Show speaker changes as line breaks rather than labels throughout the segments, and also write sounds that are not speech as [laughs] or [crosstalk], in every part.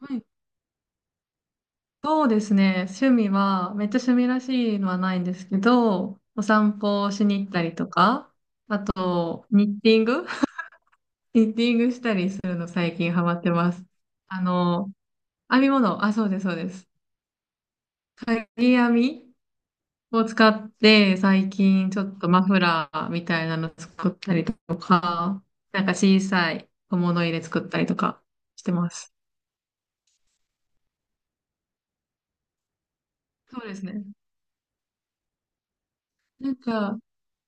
はい、そうですね。趣味は、めっちゃ趣味らしいのはないんですけど、お散歩をしに行ったりとか、あと、ニッティング [laughs] ニッティングしたりするの最近ハマってます。あの、編み物、あ、そうです、そうです。かぎ編みを使って、最近ちょっとマフラーみたいなの作ったりとか、なんか小さい小物入れ作ったりとかしてます。そうですね。なんか、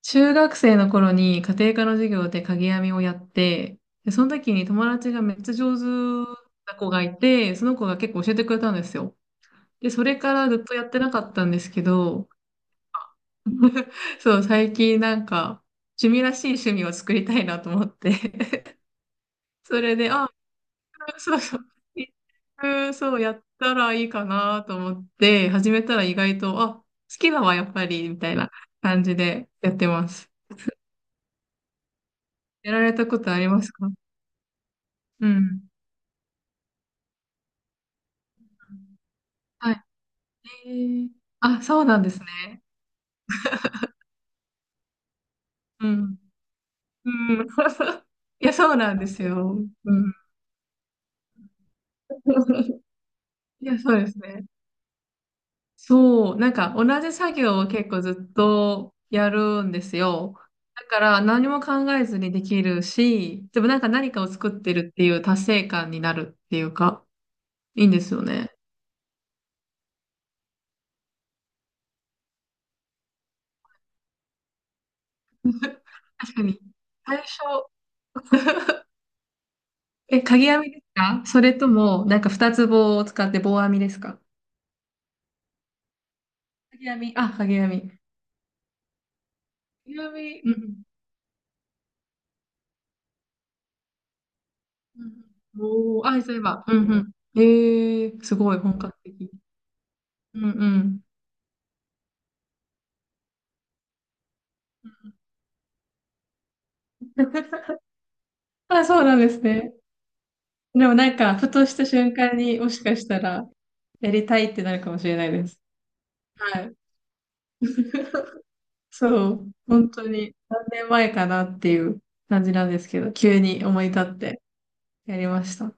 中学生の頃に家庭科の授業で鍵編みをやって、で、その時に友達がめっちゃ上手な子がいて、その子が結構教えてくれたんですよ。で、それからずっとやってなかったんですけど、[laughs] そう、最近なんか趣味らしい趣味を作りたいなと思って [laughs] それで、あ、そうそう、一服そうやったらいいかなと思って、始めたら意外と、あ、好きだわ、やっぱり、みたいな感じでやってます。やられたことありますか？うん。はい。えー、あ、そうなんですね。うん。うん。[laughs] いや、そうなんですよ。うん。[laughs] いや、そうですね。そう。なんか、同じ作業を結構ずっとやるんですよ。だから、何も考えずにできるし、でもなんか何かを作ってるっていう達成感になるっていうか、いいんですよね。[laughs] 確かに。最初、[laughs] え、鍵編みですか？それとも、なんか二つ棒を使って棒編みですか？鍵編み。あ、鍵編み。ちなみに、うん。うんうん、おー、あ、そういえば。うんうん。えー、すごい本格的。うんうん。[laughs] あ、そうなんですね。でもなんか、ふとした瞬間にもしかしたら、やりたいってなるかもしれないです。はい。[laughs] そう、本当に何年前かなっていう感じなんですけど、急に思い立ってやりました。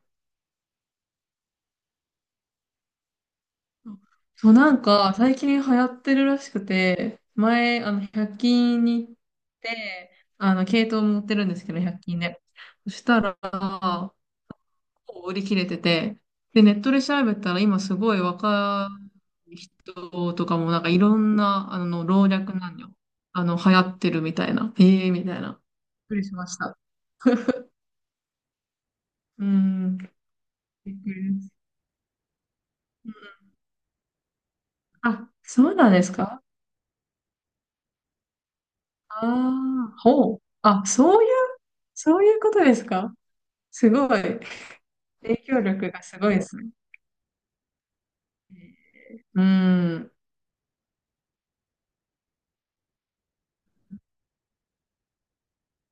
そう、なんか、最近流行ってるらしくて、前、100均に行って、系統持ってるんですけど、100均で。そしたら、もう売り切れてて、で、ネットで調べたら、今すごい若い人とかも、いろんな、老若男女、流行ってるみたいな、ええみたいな。びっくりしました。[laughs] うん、びっくりです。うん、あ、そうなんですか？ああ、ほう。あ、そういう、そういうことですか？すごい。影響力がすごいですね。うん。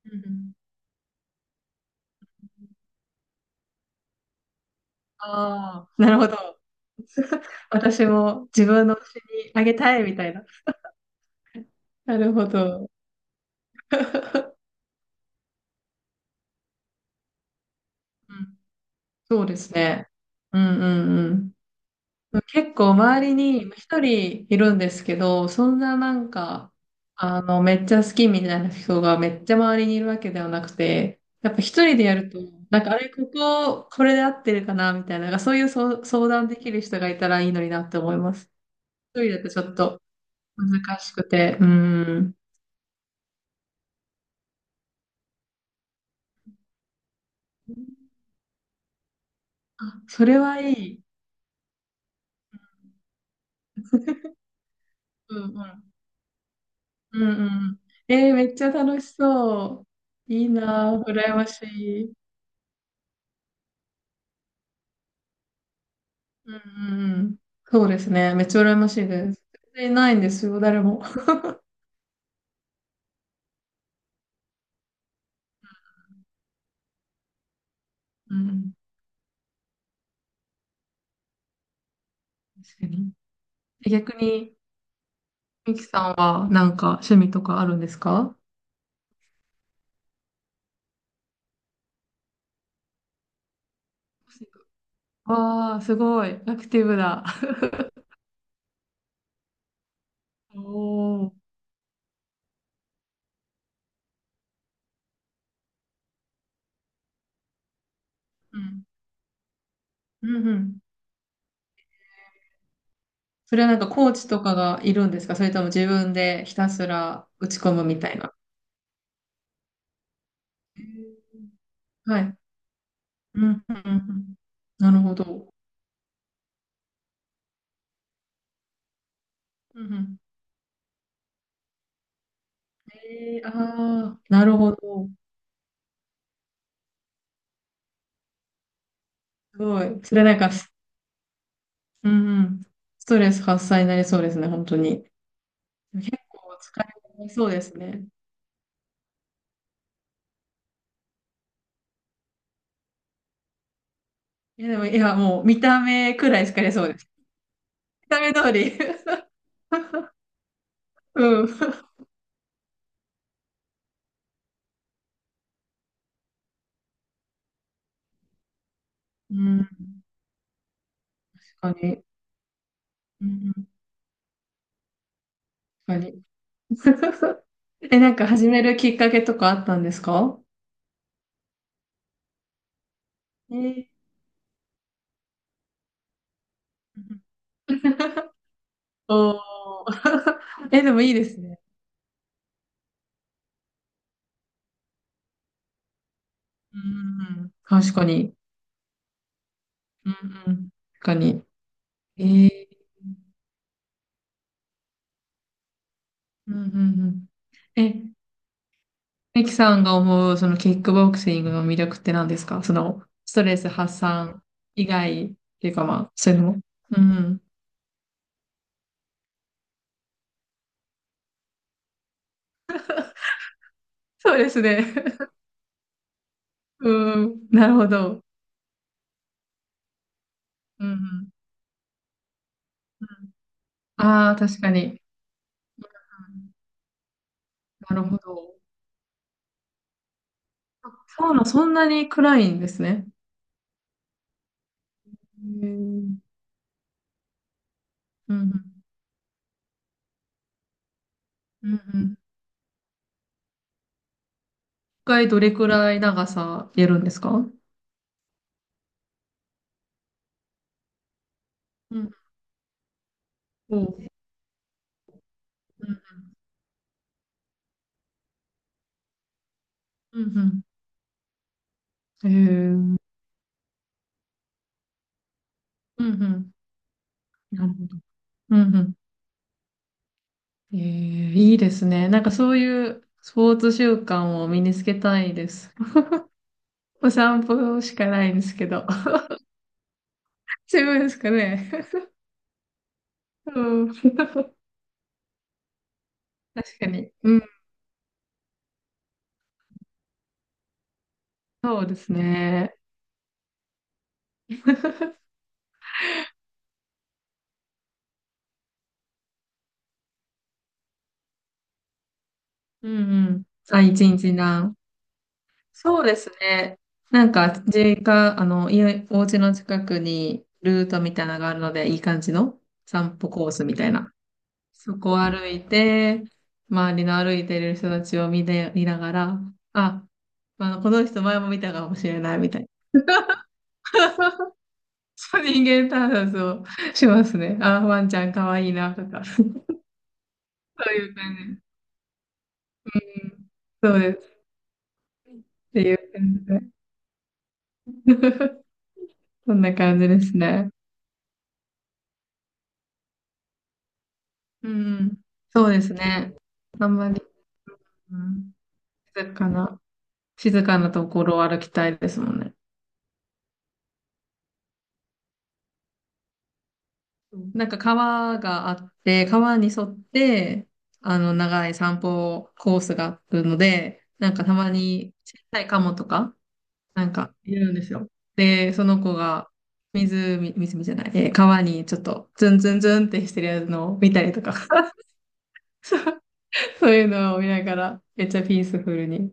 うん、ああ、なるほど。[laughs] 私も自分の推しにあげたいみたいな。なるほど。うん、[laughs] そうですね。うんうんうん。結構周りに一人いるんですけど、そんななんか、めっちゃ好きみたいな人がめっちゃ周りにいるわけではなくて、やっぱ一人でやると、なんかあれ、これで合ってるかなみたいな、そういうそう相談できる人がいたらいいのになって思います。一人だとちょっと難しくて、うん。あ、それはいい。[laughs] うんうん。うんうん。えー、めっちゃ楽しそう。いいなぁ、羨ましい。うんうんうん。そうですね。めっちゃ羨ましいです。全然ないんですよ、誰も。うん、確かに。え、逆に、ミキさんはなんか趣味とかあるんですか？わあ、すごい。アクティブだ。おお。うん。うんうん。それはなんかコーチとかがいるんですか？それとも自分でひたすら打ち込むみたいな。へー、はい。うんうんうんうん。なるほど。うんうん。えー、ああ、なるほど。すごい。それなんか、うんうん、ストレス発散になりそうですね、本当に。結構疲れになりそうですね。いや、でも、いや、もう見た目くらい疲れそうです。見た目通り。[laughs] うん。うん、確かに。うん、確かに。[laughs] え、なんか始めるきっかけとかあったんですか？えー、[laughs] おー。[laughs] え、でもいいですね。うんうん、うん、確かに。うんうん、確かに。えー、うんうんうん。え、ミキさんが思う、そのキックボクシングの魅力って何ですか？その、ストレス発散以外っていうかまあ、そういうのも。うん。そうですね。[laughs] うん。なるほど。うん。ああー、確かに。うん、なるほど。サウナそんなに暗いんですね。へー、うん。うん。うん。一回どれくらい長さやるんですか？うん。おう。うん。うん。うん、へー、うん。うん。なるほど。うん。うん、えー、いいですね。なんかそういうスポーツ習慣を身につけたいです。お散歩しかないんですけど。[laughs] 十分ですかね。うん。[laughs] 確かに。うん。そうですね。[laughs] うんうん。あ、一日な。そうですね。実家、家、お家の近くにルートみたいなのがあるので、いい感じの散歩コースみたいな。そこを歩いて、周りの歩いてる人たちを見で、見ながら、あ、まあ、この人前も見たかもしれないみたいな。[laughs] そう人間観察をしますね。あー、ワンちゃんかわいいなとか。[laughs] そういう感じ。うん、そうです。っていう感じで。[laughs] そんな感じですね。うん。そうですね。あんまり、うん、静かな、静かなところを歩きたいですもんね。うん、なんか川があって、川に沿って、長い散歩コースがあるので、なんかたまに小さいカモとか、なんかいるんですよ。で、その子が湖、湖じゃない、えー川にちょっとズンズンズンってしてるやつのを見たりとか、[laughs] そういうのを見ながら、めっちゃピースフルに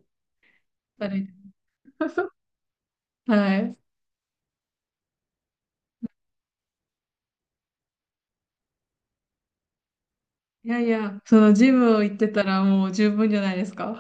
歩いて。[laughs] はい。いやいや、そのジムを行ってたらもう十分じゃないですか。